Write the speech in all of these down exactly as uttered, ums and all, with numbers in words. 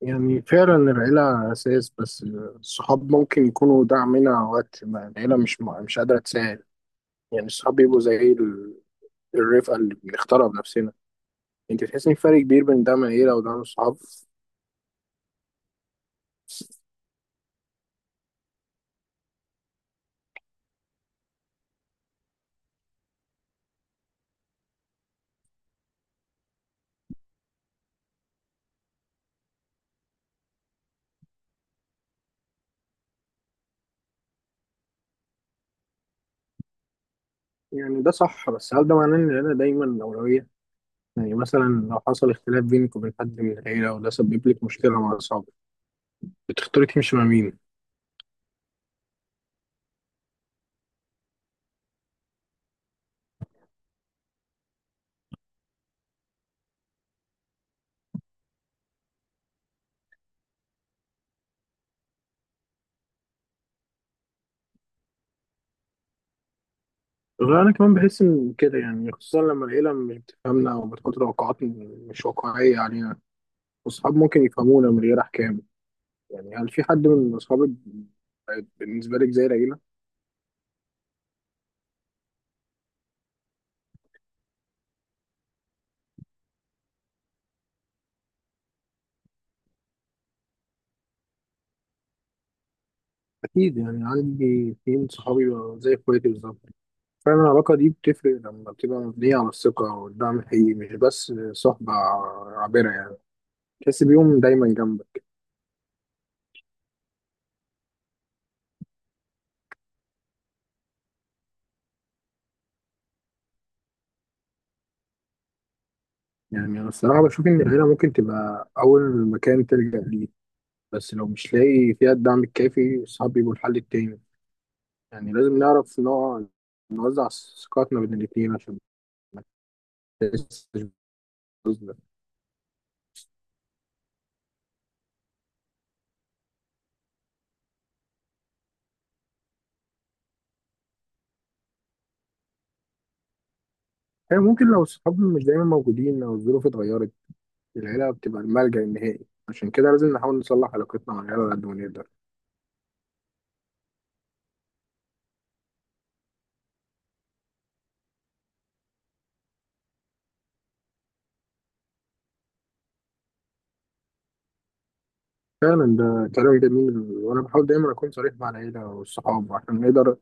يعني فعلا العيلة أساس، بس الصحاب ممكن يكونوا دعمنا وقت ما العيلة مش مش قادرة تساعد. يعني الصحاب بيبقوا زي ال- الرفقة اللي بنختارها بنفسنا. أنت تحس إن في فرق كبير بين دعم العيلة ودعم الصحاب؟ يعني ده صح، بس هل ده معناه إن العيلة دايما الأولوية؟ يعني مثلا لو حصل اختلاف بينك وبين حد من العيلة وده سبب لك مشكلة مع أصحابك، بتختاري تمشي مع مين؟ غير أنا كمان بحس إن كده، يعني خصوصا لما العيلة مش بتفهمنا أو بتحط توقعات مش واقعية علينا، واصحاب ممكن يفهمونا من غير احكام. يعني هل في حد من اصحابك بقت بالنسبه لك زي العيله؟ اكيد، يعني عندي اتنين صحابي بقوا زي اخواتي بالظبط. فعلا العلاقه دي بتفرق لما بتبقى مبنيه على الثقه والدعم الحقيقي، مش بس صحبه عابره. يعني تحس بيهم دايما جنبك. يعني انا الصراحه بشوف ان العيله ممكن تبقى اول مكان تلجأ ليه، بس لو مش لاقي فيها الدعم الكافي الصحاب بيبقوا الحل التاني. يعني لازم نعرف نوع- نوزع ثقتنا بين الاتنين عشان ما نحسش بالظلم. هي ممكن لو الصحاب مش دايما موجودين او الظروف اتغيرت العيله بتبقى الملجأ النهائي، عشان كده لازم نحاول نصلح علاقتنا مع العيله على قد ما نقدر. فعلا ده كلام جميل، وانا بحاول دايما اكون صريح مع العيله والصحاب عشان نقدر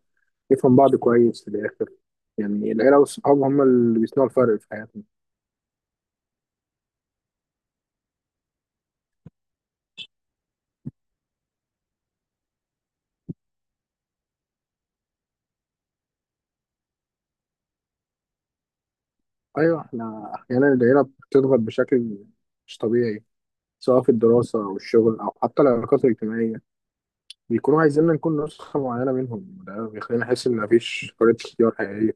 نفهم بعض كويس في الاخر. يعني العيله والصحاب هم اللي بيصنعوا الفرق في حياتنا. ايوه، احنا احيانا العيله بتضغط بشكل مش طبيعي سواء في الدراسه او الشغل او حتى العلاقات الاجتماعيه. بيكونوا عايزيننا نكون نسخه معينه منهم، وده بيخلينا نحس ان مفيش حريه اختيار حقيقيه.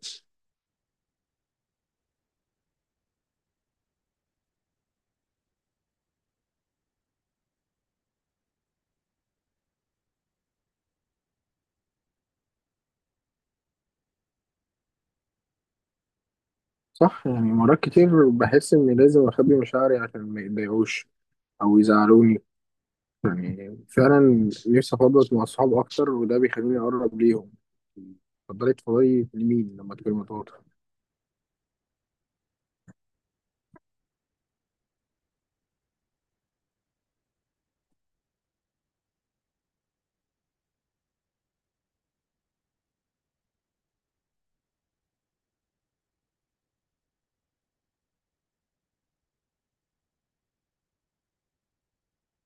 صح، يعني مرات كتير بحس إني لازم أخبي مشاعري عشان ما يتضايقوش أو يزعلوني. يعني فعلا نفسي أفضفض مع أصحاب أكتر، وده بيخليني أقرب ليهم. تفضلي تفضلي لمين لما تكوني مضغوطة؟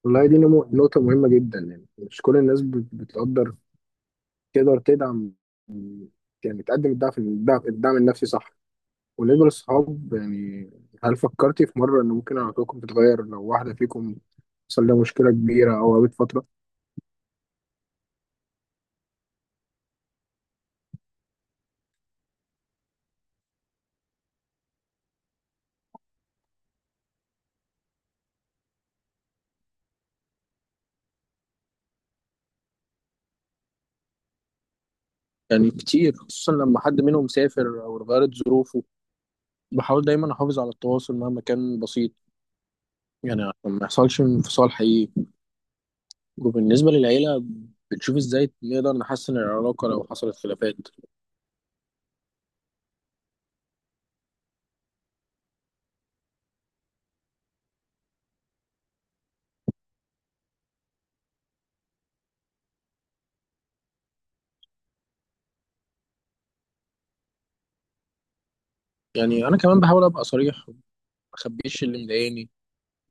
والله دي نمو- نقطة مهمة جدا، يعني مش كل الناس بت- بتقدر تقدر تدعم. يعني تقدم الدعم الدعم الدعم النفسي، صح؟ وبالنسبة للصحاب، يعني هل فكرتي في مرة إن ممكن علاقتكم تتغير لو واحدة فيكم حصل لها مشكلة كبيرة أو قابلت فترة؟ يعني كتير، خصوصا لما حد منهم سافر او اتغيرت ظروفه. بحاول دايما احافظ على التواصل مهما كان بسيط، يعني عشان ما يحصلش انفصال حقيقي. وبالنسبه للعيله، بتشوف ازاي نقدر نحسن العلاقه لو حصلت خلافات؟ يعني انا كمان بحاول ابقى صريح، ما اخبيش اللي مضايقني.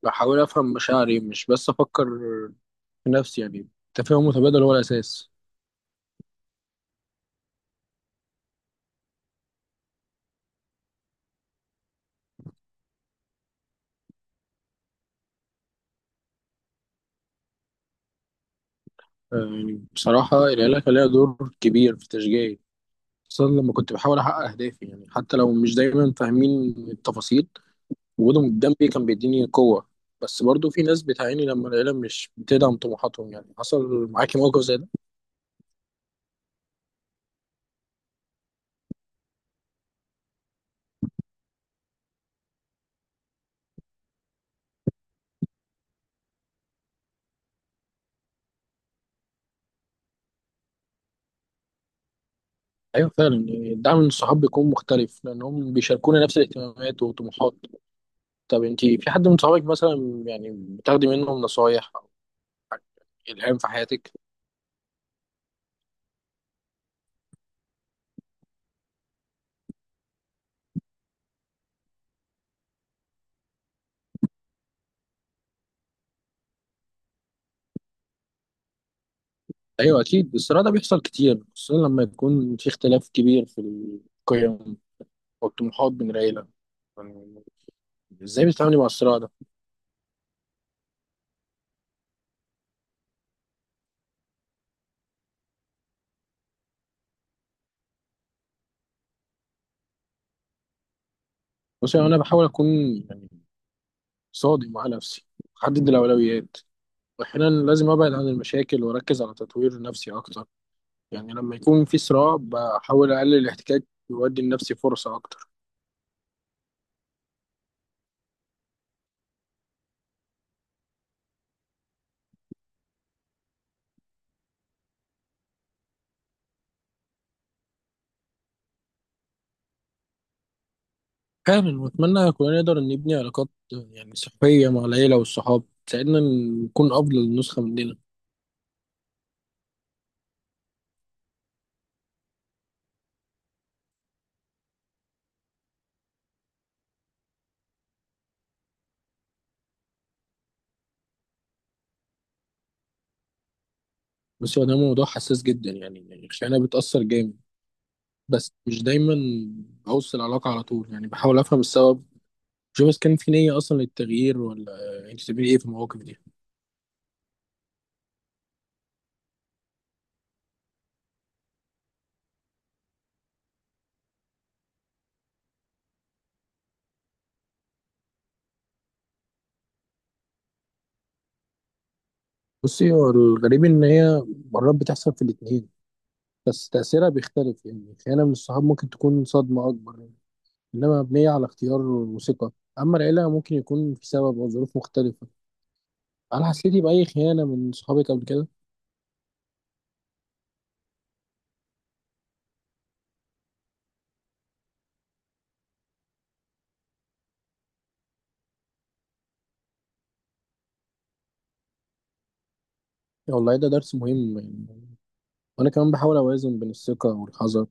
بحاول افهم مشاعري مش بس افكر في نفسي. يعني التفاهم المتبادل هو الاساس. آه، يعني بصراحه العيله كان لها دور كبير في تشجيعي، خصوصا لما كنت بحاول احقق اهدافي. يعني حتى لو مش دايما فاهمين التفاصيل، وجودهم جنبي كان بيديني قوة. بس برضو في ناس بتعاني لما العيلة مش بتدعم طموحاتهم. يعني حصل معاكي موقف زي ده؟ أيوة فعلا، يعني الدعم من الصحاب بيكون مختلف لأنهم بيشاركونا نفس الاهتمامات وطموحات. طب أنتي في حد من صحابك مثلا، يعني بتاخدي منهم نصايح أو إلهام في حياتك؟ أيوة أكيد، الصراع ده بيحصل كتير خصوصا لما يكون في اختلاف كبير في القيم والطموحات بين العيلة. يعني إزاي بتتعاملي مع الصراع ده؟ بصي أنا بحاول أكون، يعني صادق مع نفسي، أحدد الأولويات. واحيانا لازم ابعد عن المشاكل واركز على تطوير نفسي اكتر. يعني لما يكون في صراع بحاول اقلل الاحتكاك وادي لنفسي فرصة اكتر. فعلا، واتمنى كلنا نقدر نبني علاقات يعني صحية مع العيلة والصحاب تساعدنا نكون افضل نسخة مننا. بس هو ده موضوع حساس جدا، يعني الخيانة بتأثر جامد. بس مش دايما بوصل العلاقة على طول، يعني بحاول افهم السبب، شوف إذا كان في نية أصلا للتغيير ولا. أنت بتعملي إيه في المواقف دي؟ بصي، هو الغريب إن هي مرات بتحصل في الاتنين، بس تأثيرها بيختلف. يعني خيانة من الصحاب ممكن تكون صدمة أكبر، يعني إنما مبنية على اختيار وثقة. أما العيلة ممكن يكون في سبب أو ظروف مختلفة. هل حسيتي بأي خيانة من صحابك قبل كده؟ يا والله ده درس مهم، يعني وأنا كمان بحاول أوازن بين الثقة والحذر.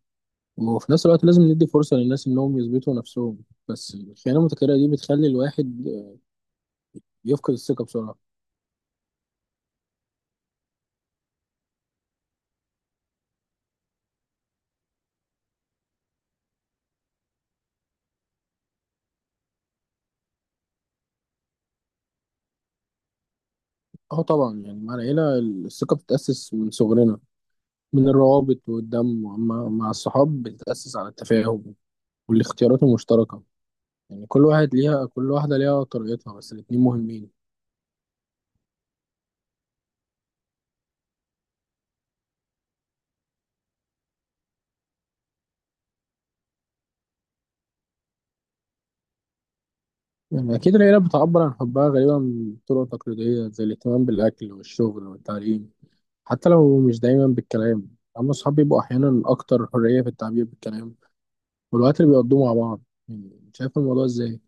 وفي نفس الوقت لازم ندي فرصة للناس إنهم يثبتوا نفسهم. بس الخيانة المتكررة دي بتخلي الواحد يفقد الثقة بسرعة. أه طبعا، يعني مع العيلة الثقة بتتأسس من صغرنا من الروابط والدم. وأما مع الصحاب بتتأسس على التفاهم والاختيارات المشتركة. يعني كل واحد ليها كل واحدة ليها طريقتها، بس الاتنين مهمين. يعني أكيد العيلة بتعبر عن حبها غالبا بطرق تقليدية زي الاهتمام بالأكل والشغل والتعليم، حتى لو مش دايما بالكلام. أما الصحاب بيبقوا أحيانا أكتر حرية في التعبير بالكلام والوقت اللي بيقضوه مع بعض. يعني شايف الموضوع إزاي؟